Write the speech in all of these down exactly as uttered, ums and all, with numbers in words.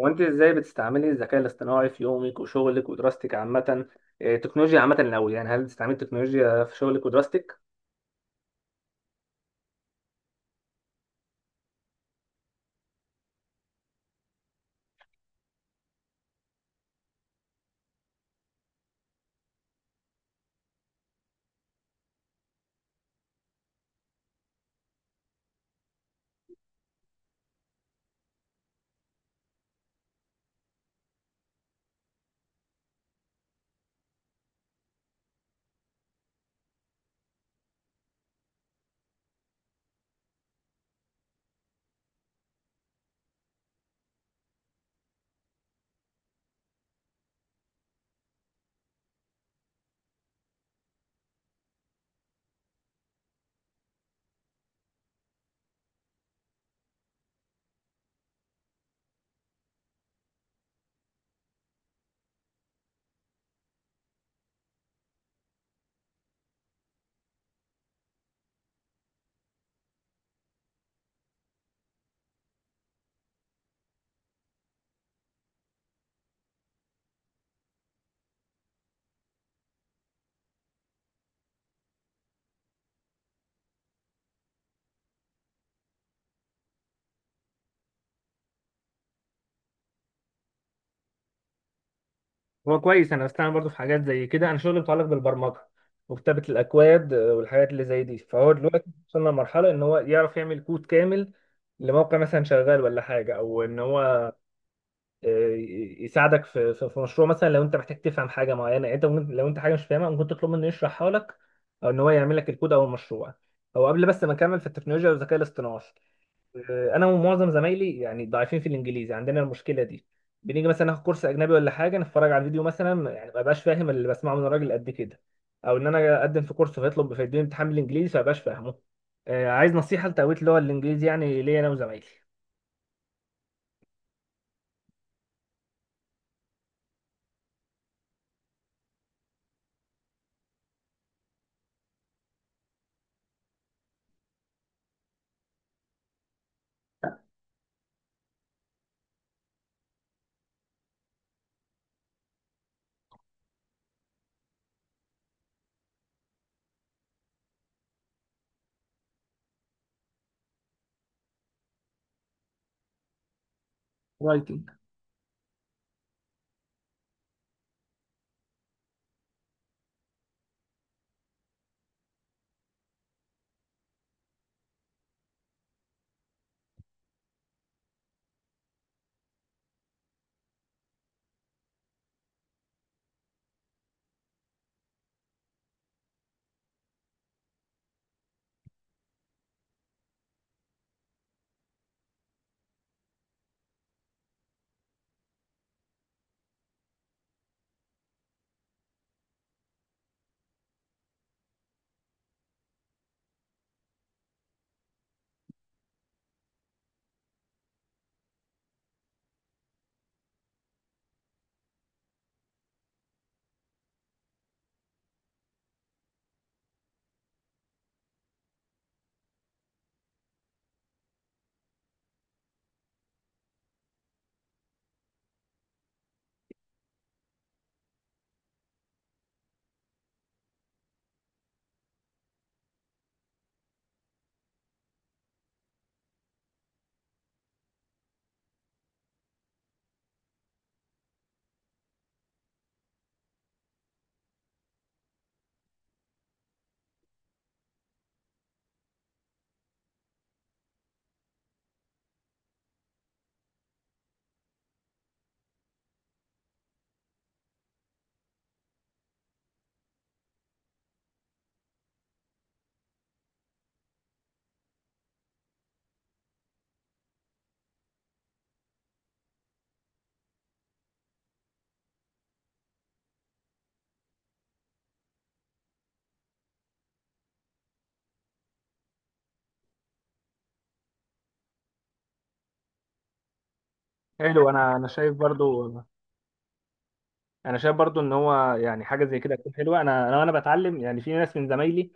هو انت ازاي بتستعملي الذكاء الاصطناعي في يومك وشغلك ودراستك عامة؟ إيه، التكنولوجيا عامة الأول، يعني هل بتستعملي التكنولوجيا في شغلك ودراستك؟ هو كويس، انا بستعمل برضه في حاجات زي كده. انا شغلي متعلق بالبرمجه وكتابه الاكواد، آه، والحاجات اللي زي دي. فهو دلوقتي وصلنا لمرحله ان هو يعرف يعمل كود كامل لموقع مثلا شغال ولا حاجه، او ان هو يساعدك في في في مشروع. مثلا لو انت محتاج تفهم حاجه معينه، يعني انت ممكن- لو انت حاجه مش فاهمها ممكن تطلب منه يشرحها لك، او ان هو يعمل لك الكود او المشروع. هو قبل بس ما اكمل في التكنولوجيا والذكاء الاصطناعي، آه، انا ومعظم زمايلي يعني ضعيفين في الانجليزي، عندنا المشكله دي. بنيجي مثلا ناخد كورس اجنبي ولا حاجه، نتفرج على فيديو مثلا، يعني ما بقاش فاهم اللي بسمعه من الراجل قد كده. او ان انا اقدم في كورس فيطلب فيديني امتحان بالانجليزي، فما بقاش فاهمه. آه، عايز نصيحه لتقويه اللغه الانجليزي يعني، ليا انا وزمايلي. رايتنج. حلو، انا انا شايف برضو، انا شايف برضو ان هو يعني حاجه زي كده تكون حلوه. انا انا وانا بتعلم يعني، في ناس من زمايلي،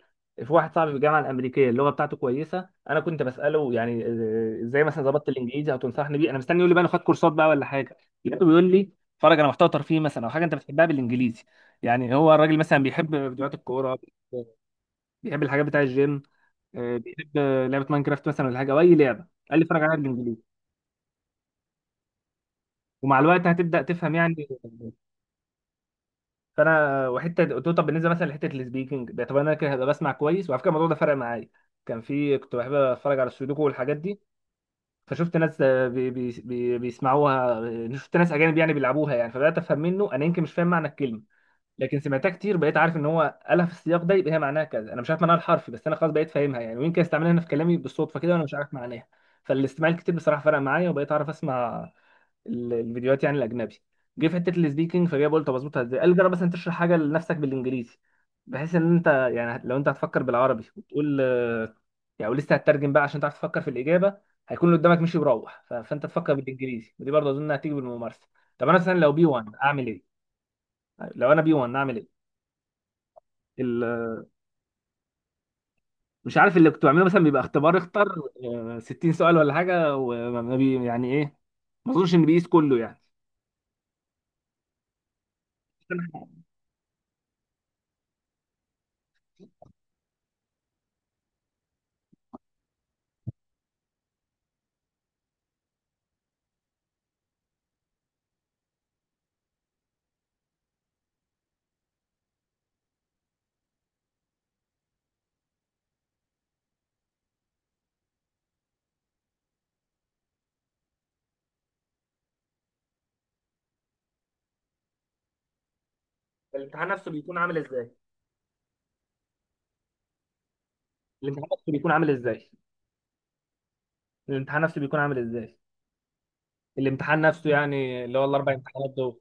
في واحد صاحبي في الجامعه الامريكيه اللغه بتاعته كويسه. انا كنت بساله يعني آه، ازاي مثلا ظبطت الانجليزي او تنصحني بيه. انا مستني يقول لي بقى انا خدت كورسات بقى ولا حاجه، لقيته بيقول لي اتفرج على محتوى ترفيهي مثلا، او حاجه انت بتحبها بالانجليزي. يعني هو الراجل مثلا بيحب فيديوهات الكوره، بيحب الحاجات بتاع الجيم، آه، بيحب آه، لعبه ماينكرافت مثلا ولا حاجه، او اي لعبه. قال لي اتفرج عليها بالانجليزي، ومع الوقت هتبدا تفهم يعني. فانا وحته قلت له طب بالنسبه مثلا لحته السبيكنج ده، طب انا كده هبقى بسمع كويس. وعلى فكره الموضوع ده فرق معايا. كان في كنت بحب اتفرج على السودوكو والحاجات دي، فشفت ناس آه، بي بي بي بيسمعوها، شفت ناس اجانب يعني بيلعبوها يعني. فبدات افهم، منه انا يمكن مش فاهم معنى الكلمه، لكن سمعتها كتير بقيت عارف ان هو قالها في السياق ده، يبقى هي معناها كذا. انا مش عارف معناها الحرفي، بس انا خلاص بقيت فاهمها يعني، ويمكن استعملها انا في كلامي بالصدفه كده وانا مش عارف معناها. فالاستماع الكتير بصراحه فرق معايا، وبقيت اعرف اسمع ال- الفيديوهات يعني الاجنبي. جه في حته السبيكنج، فجاي بقول طب اظبطها ازاي. قال جرب مثلا تشرح حاجه لنفسك بالانجليزي، بحيث ان انت يعني لو انت هتفكر بالعربي وتقول آه، يعني ولسه هتترجم بقى عشان تعرف تفكر في الاجابه. هيكون اللي قدامك مشي وروح، ف- فانت تفكر بالانجليزي، ودي برضه اظن هتيجي بالممارسه. طب انا مثلا لو بي ون اعمل ايه؟ لو انا بي ون اعمل ايه؟ ال- مش عارف اللي كنت بعمله مثلا بيبقى اختبار، اختار آه، ستين سؤال ولا حاجه، وما ما بي يعني ايه. ما اظنش ان بيقيس كله يعني. الامتحان نفسه بيكون عامل ازاي؟ الامتحان نفسه بيكون عامل ازاي؟ الامتحان نفسه بيكون عامل ازاي؟ الامتحان نفسه، يعني اللي هو الاربع امتحانات دول؟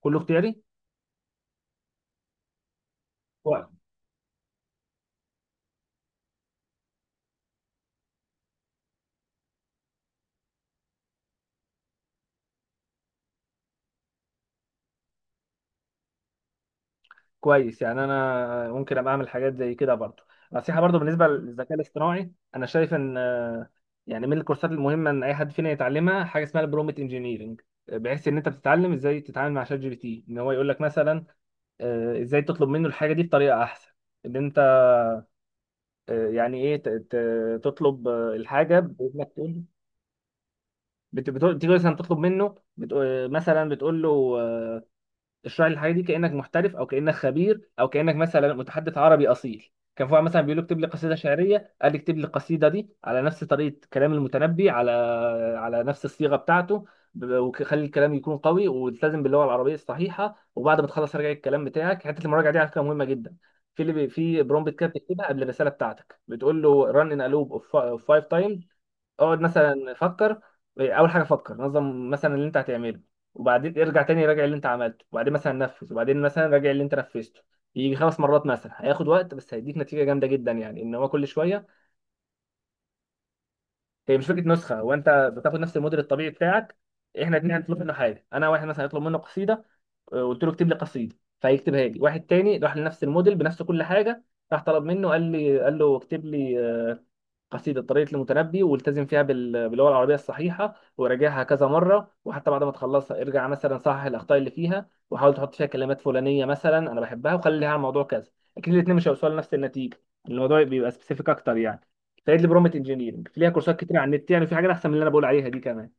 كله اختياري. كوي- كويس، يعني انا ممكن ابقى اعمل حاجات زي كده برضو. نصيحه برضو بالنسبه للذكاء الاصطناعي، انا شايف ان آه، يعني من الكورسات المهمه ان اي حد فينا يتعلمها حاجه اسمها البرومت انجينيرنج. بحيث ان انت بتتعلم ازاي تتعامل مع شات جي بي تي، ان هو يقول لك مثلا آه، ازاي تطلب منه الحاجه دي بطريقه احسن. ان انت آه، يعني ايه ت- ت- تطلب آه، الحاجه بانك تقول. بت- بتقول- تيجي مثلا تطلب منه، بتقول مثلا بتقول له آه، اشرح لي الحاجه دي كانك محترف، او كانك خبير، او كانك مثلا متحدث عربي اصيل. كان في واحد مثلا بيقول له اكتب لي قصيده شعريه، قال لي اكتب لي القصيده دي على نفس طريقه كلام المتنبي، على على نفس الصيغه بتاعته. ب- وخلي الكلام يكون قوي والتزم باللغه العربيه الصحيحه، وبعد ما تخلص راجع الكلام بتاعك. حته المراجعه دي على فكره مهمه جدا. في اللي بي- في برومبت كده بتكتبها قبل الرساله بتاعتك، بتقول له run in a loop of five times. اقعد مثلا فكر، اول حاجه فكر نظم مثلا اللي انت هتعمله، وبعدين ارجع تاني راجع اللي انت عملته، وبعدين مثلا نفذ، وبعدين مثلا راجع اللي انت نفذته. يجي خمس مرات مثلا، هياخد وقت بس هيديك نتيجه جامده جدا، يعني ان هو كل شويه. هي مش فكره نسخه، هو انت بتاخد نفس الموديل الطبيعي بتاعك. احنا اتنين هنطلب منه حاجه، انا واحد مثلا هيطلب منه قصيده، آه، قلت له اكتب لي قصيده فهيكتبها لي. واحد تاني راح لنفس الموديل بنفس كل حاجه، راح طلب منه قال لي قال له اكتب لي قصيدة طريقة المتنبي، والتزم فيها بال- باللغة العربية الصحيحة، وراجعها كذا مرة، وحتى بعد ما تخلصها ارجع مثلا صحح الأخطاء اللي فيها، وحاول تحط فيها كلمات فلانية مثلا أنا بحبها، وخلي لها موضوع كذا. أكيد الاتنين مش هيوصلوا لنفس النتيجة، الموضوع بيبقى سبيسيفيك أكتر يعني. فايد لي برومت انجينيرنج ليها كورسات كتير على النت، يعني في حاجات أحسن من اللي أنا بقول عليها دي كمان.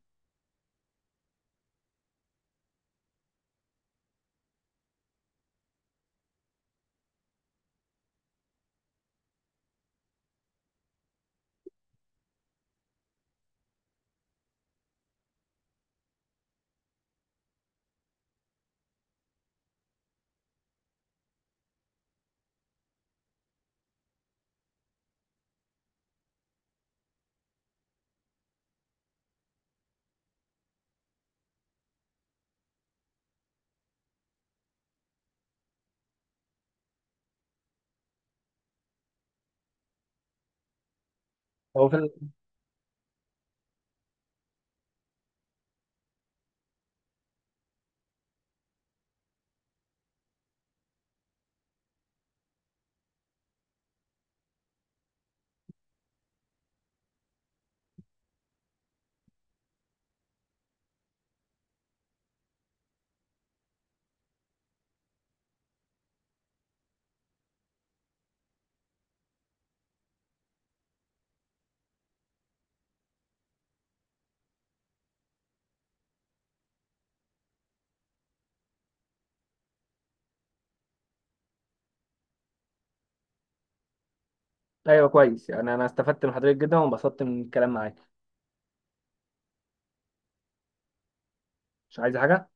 هو في ال- أيوه كويس يعني، أنا استفدت من حضرتك جدا وانبسطت من الكلام معاك، مش عايز حاجة.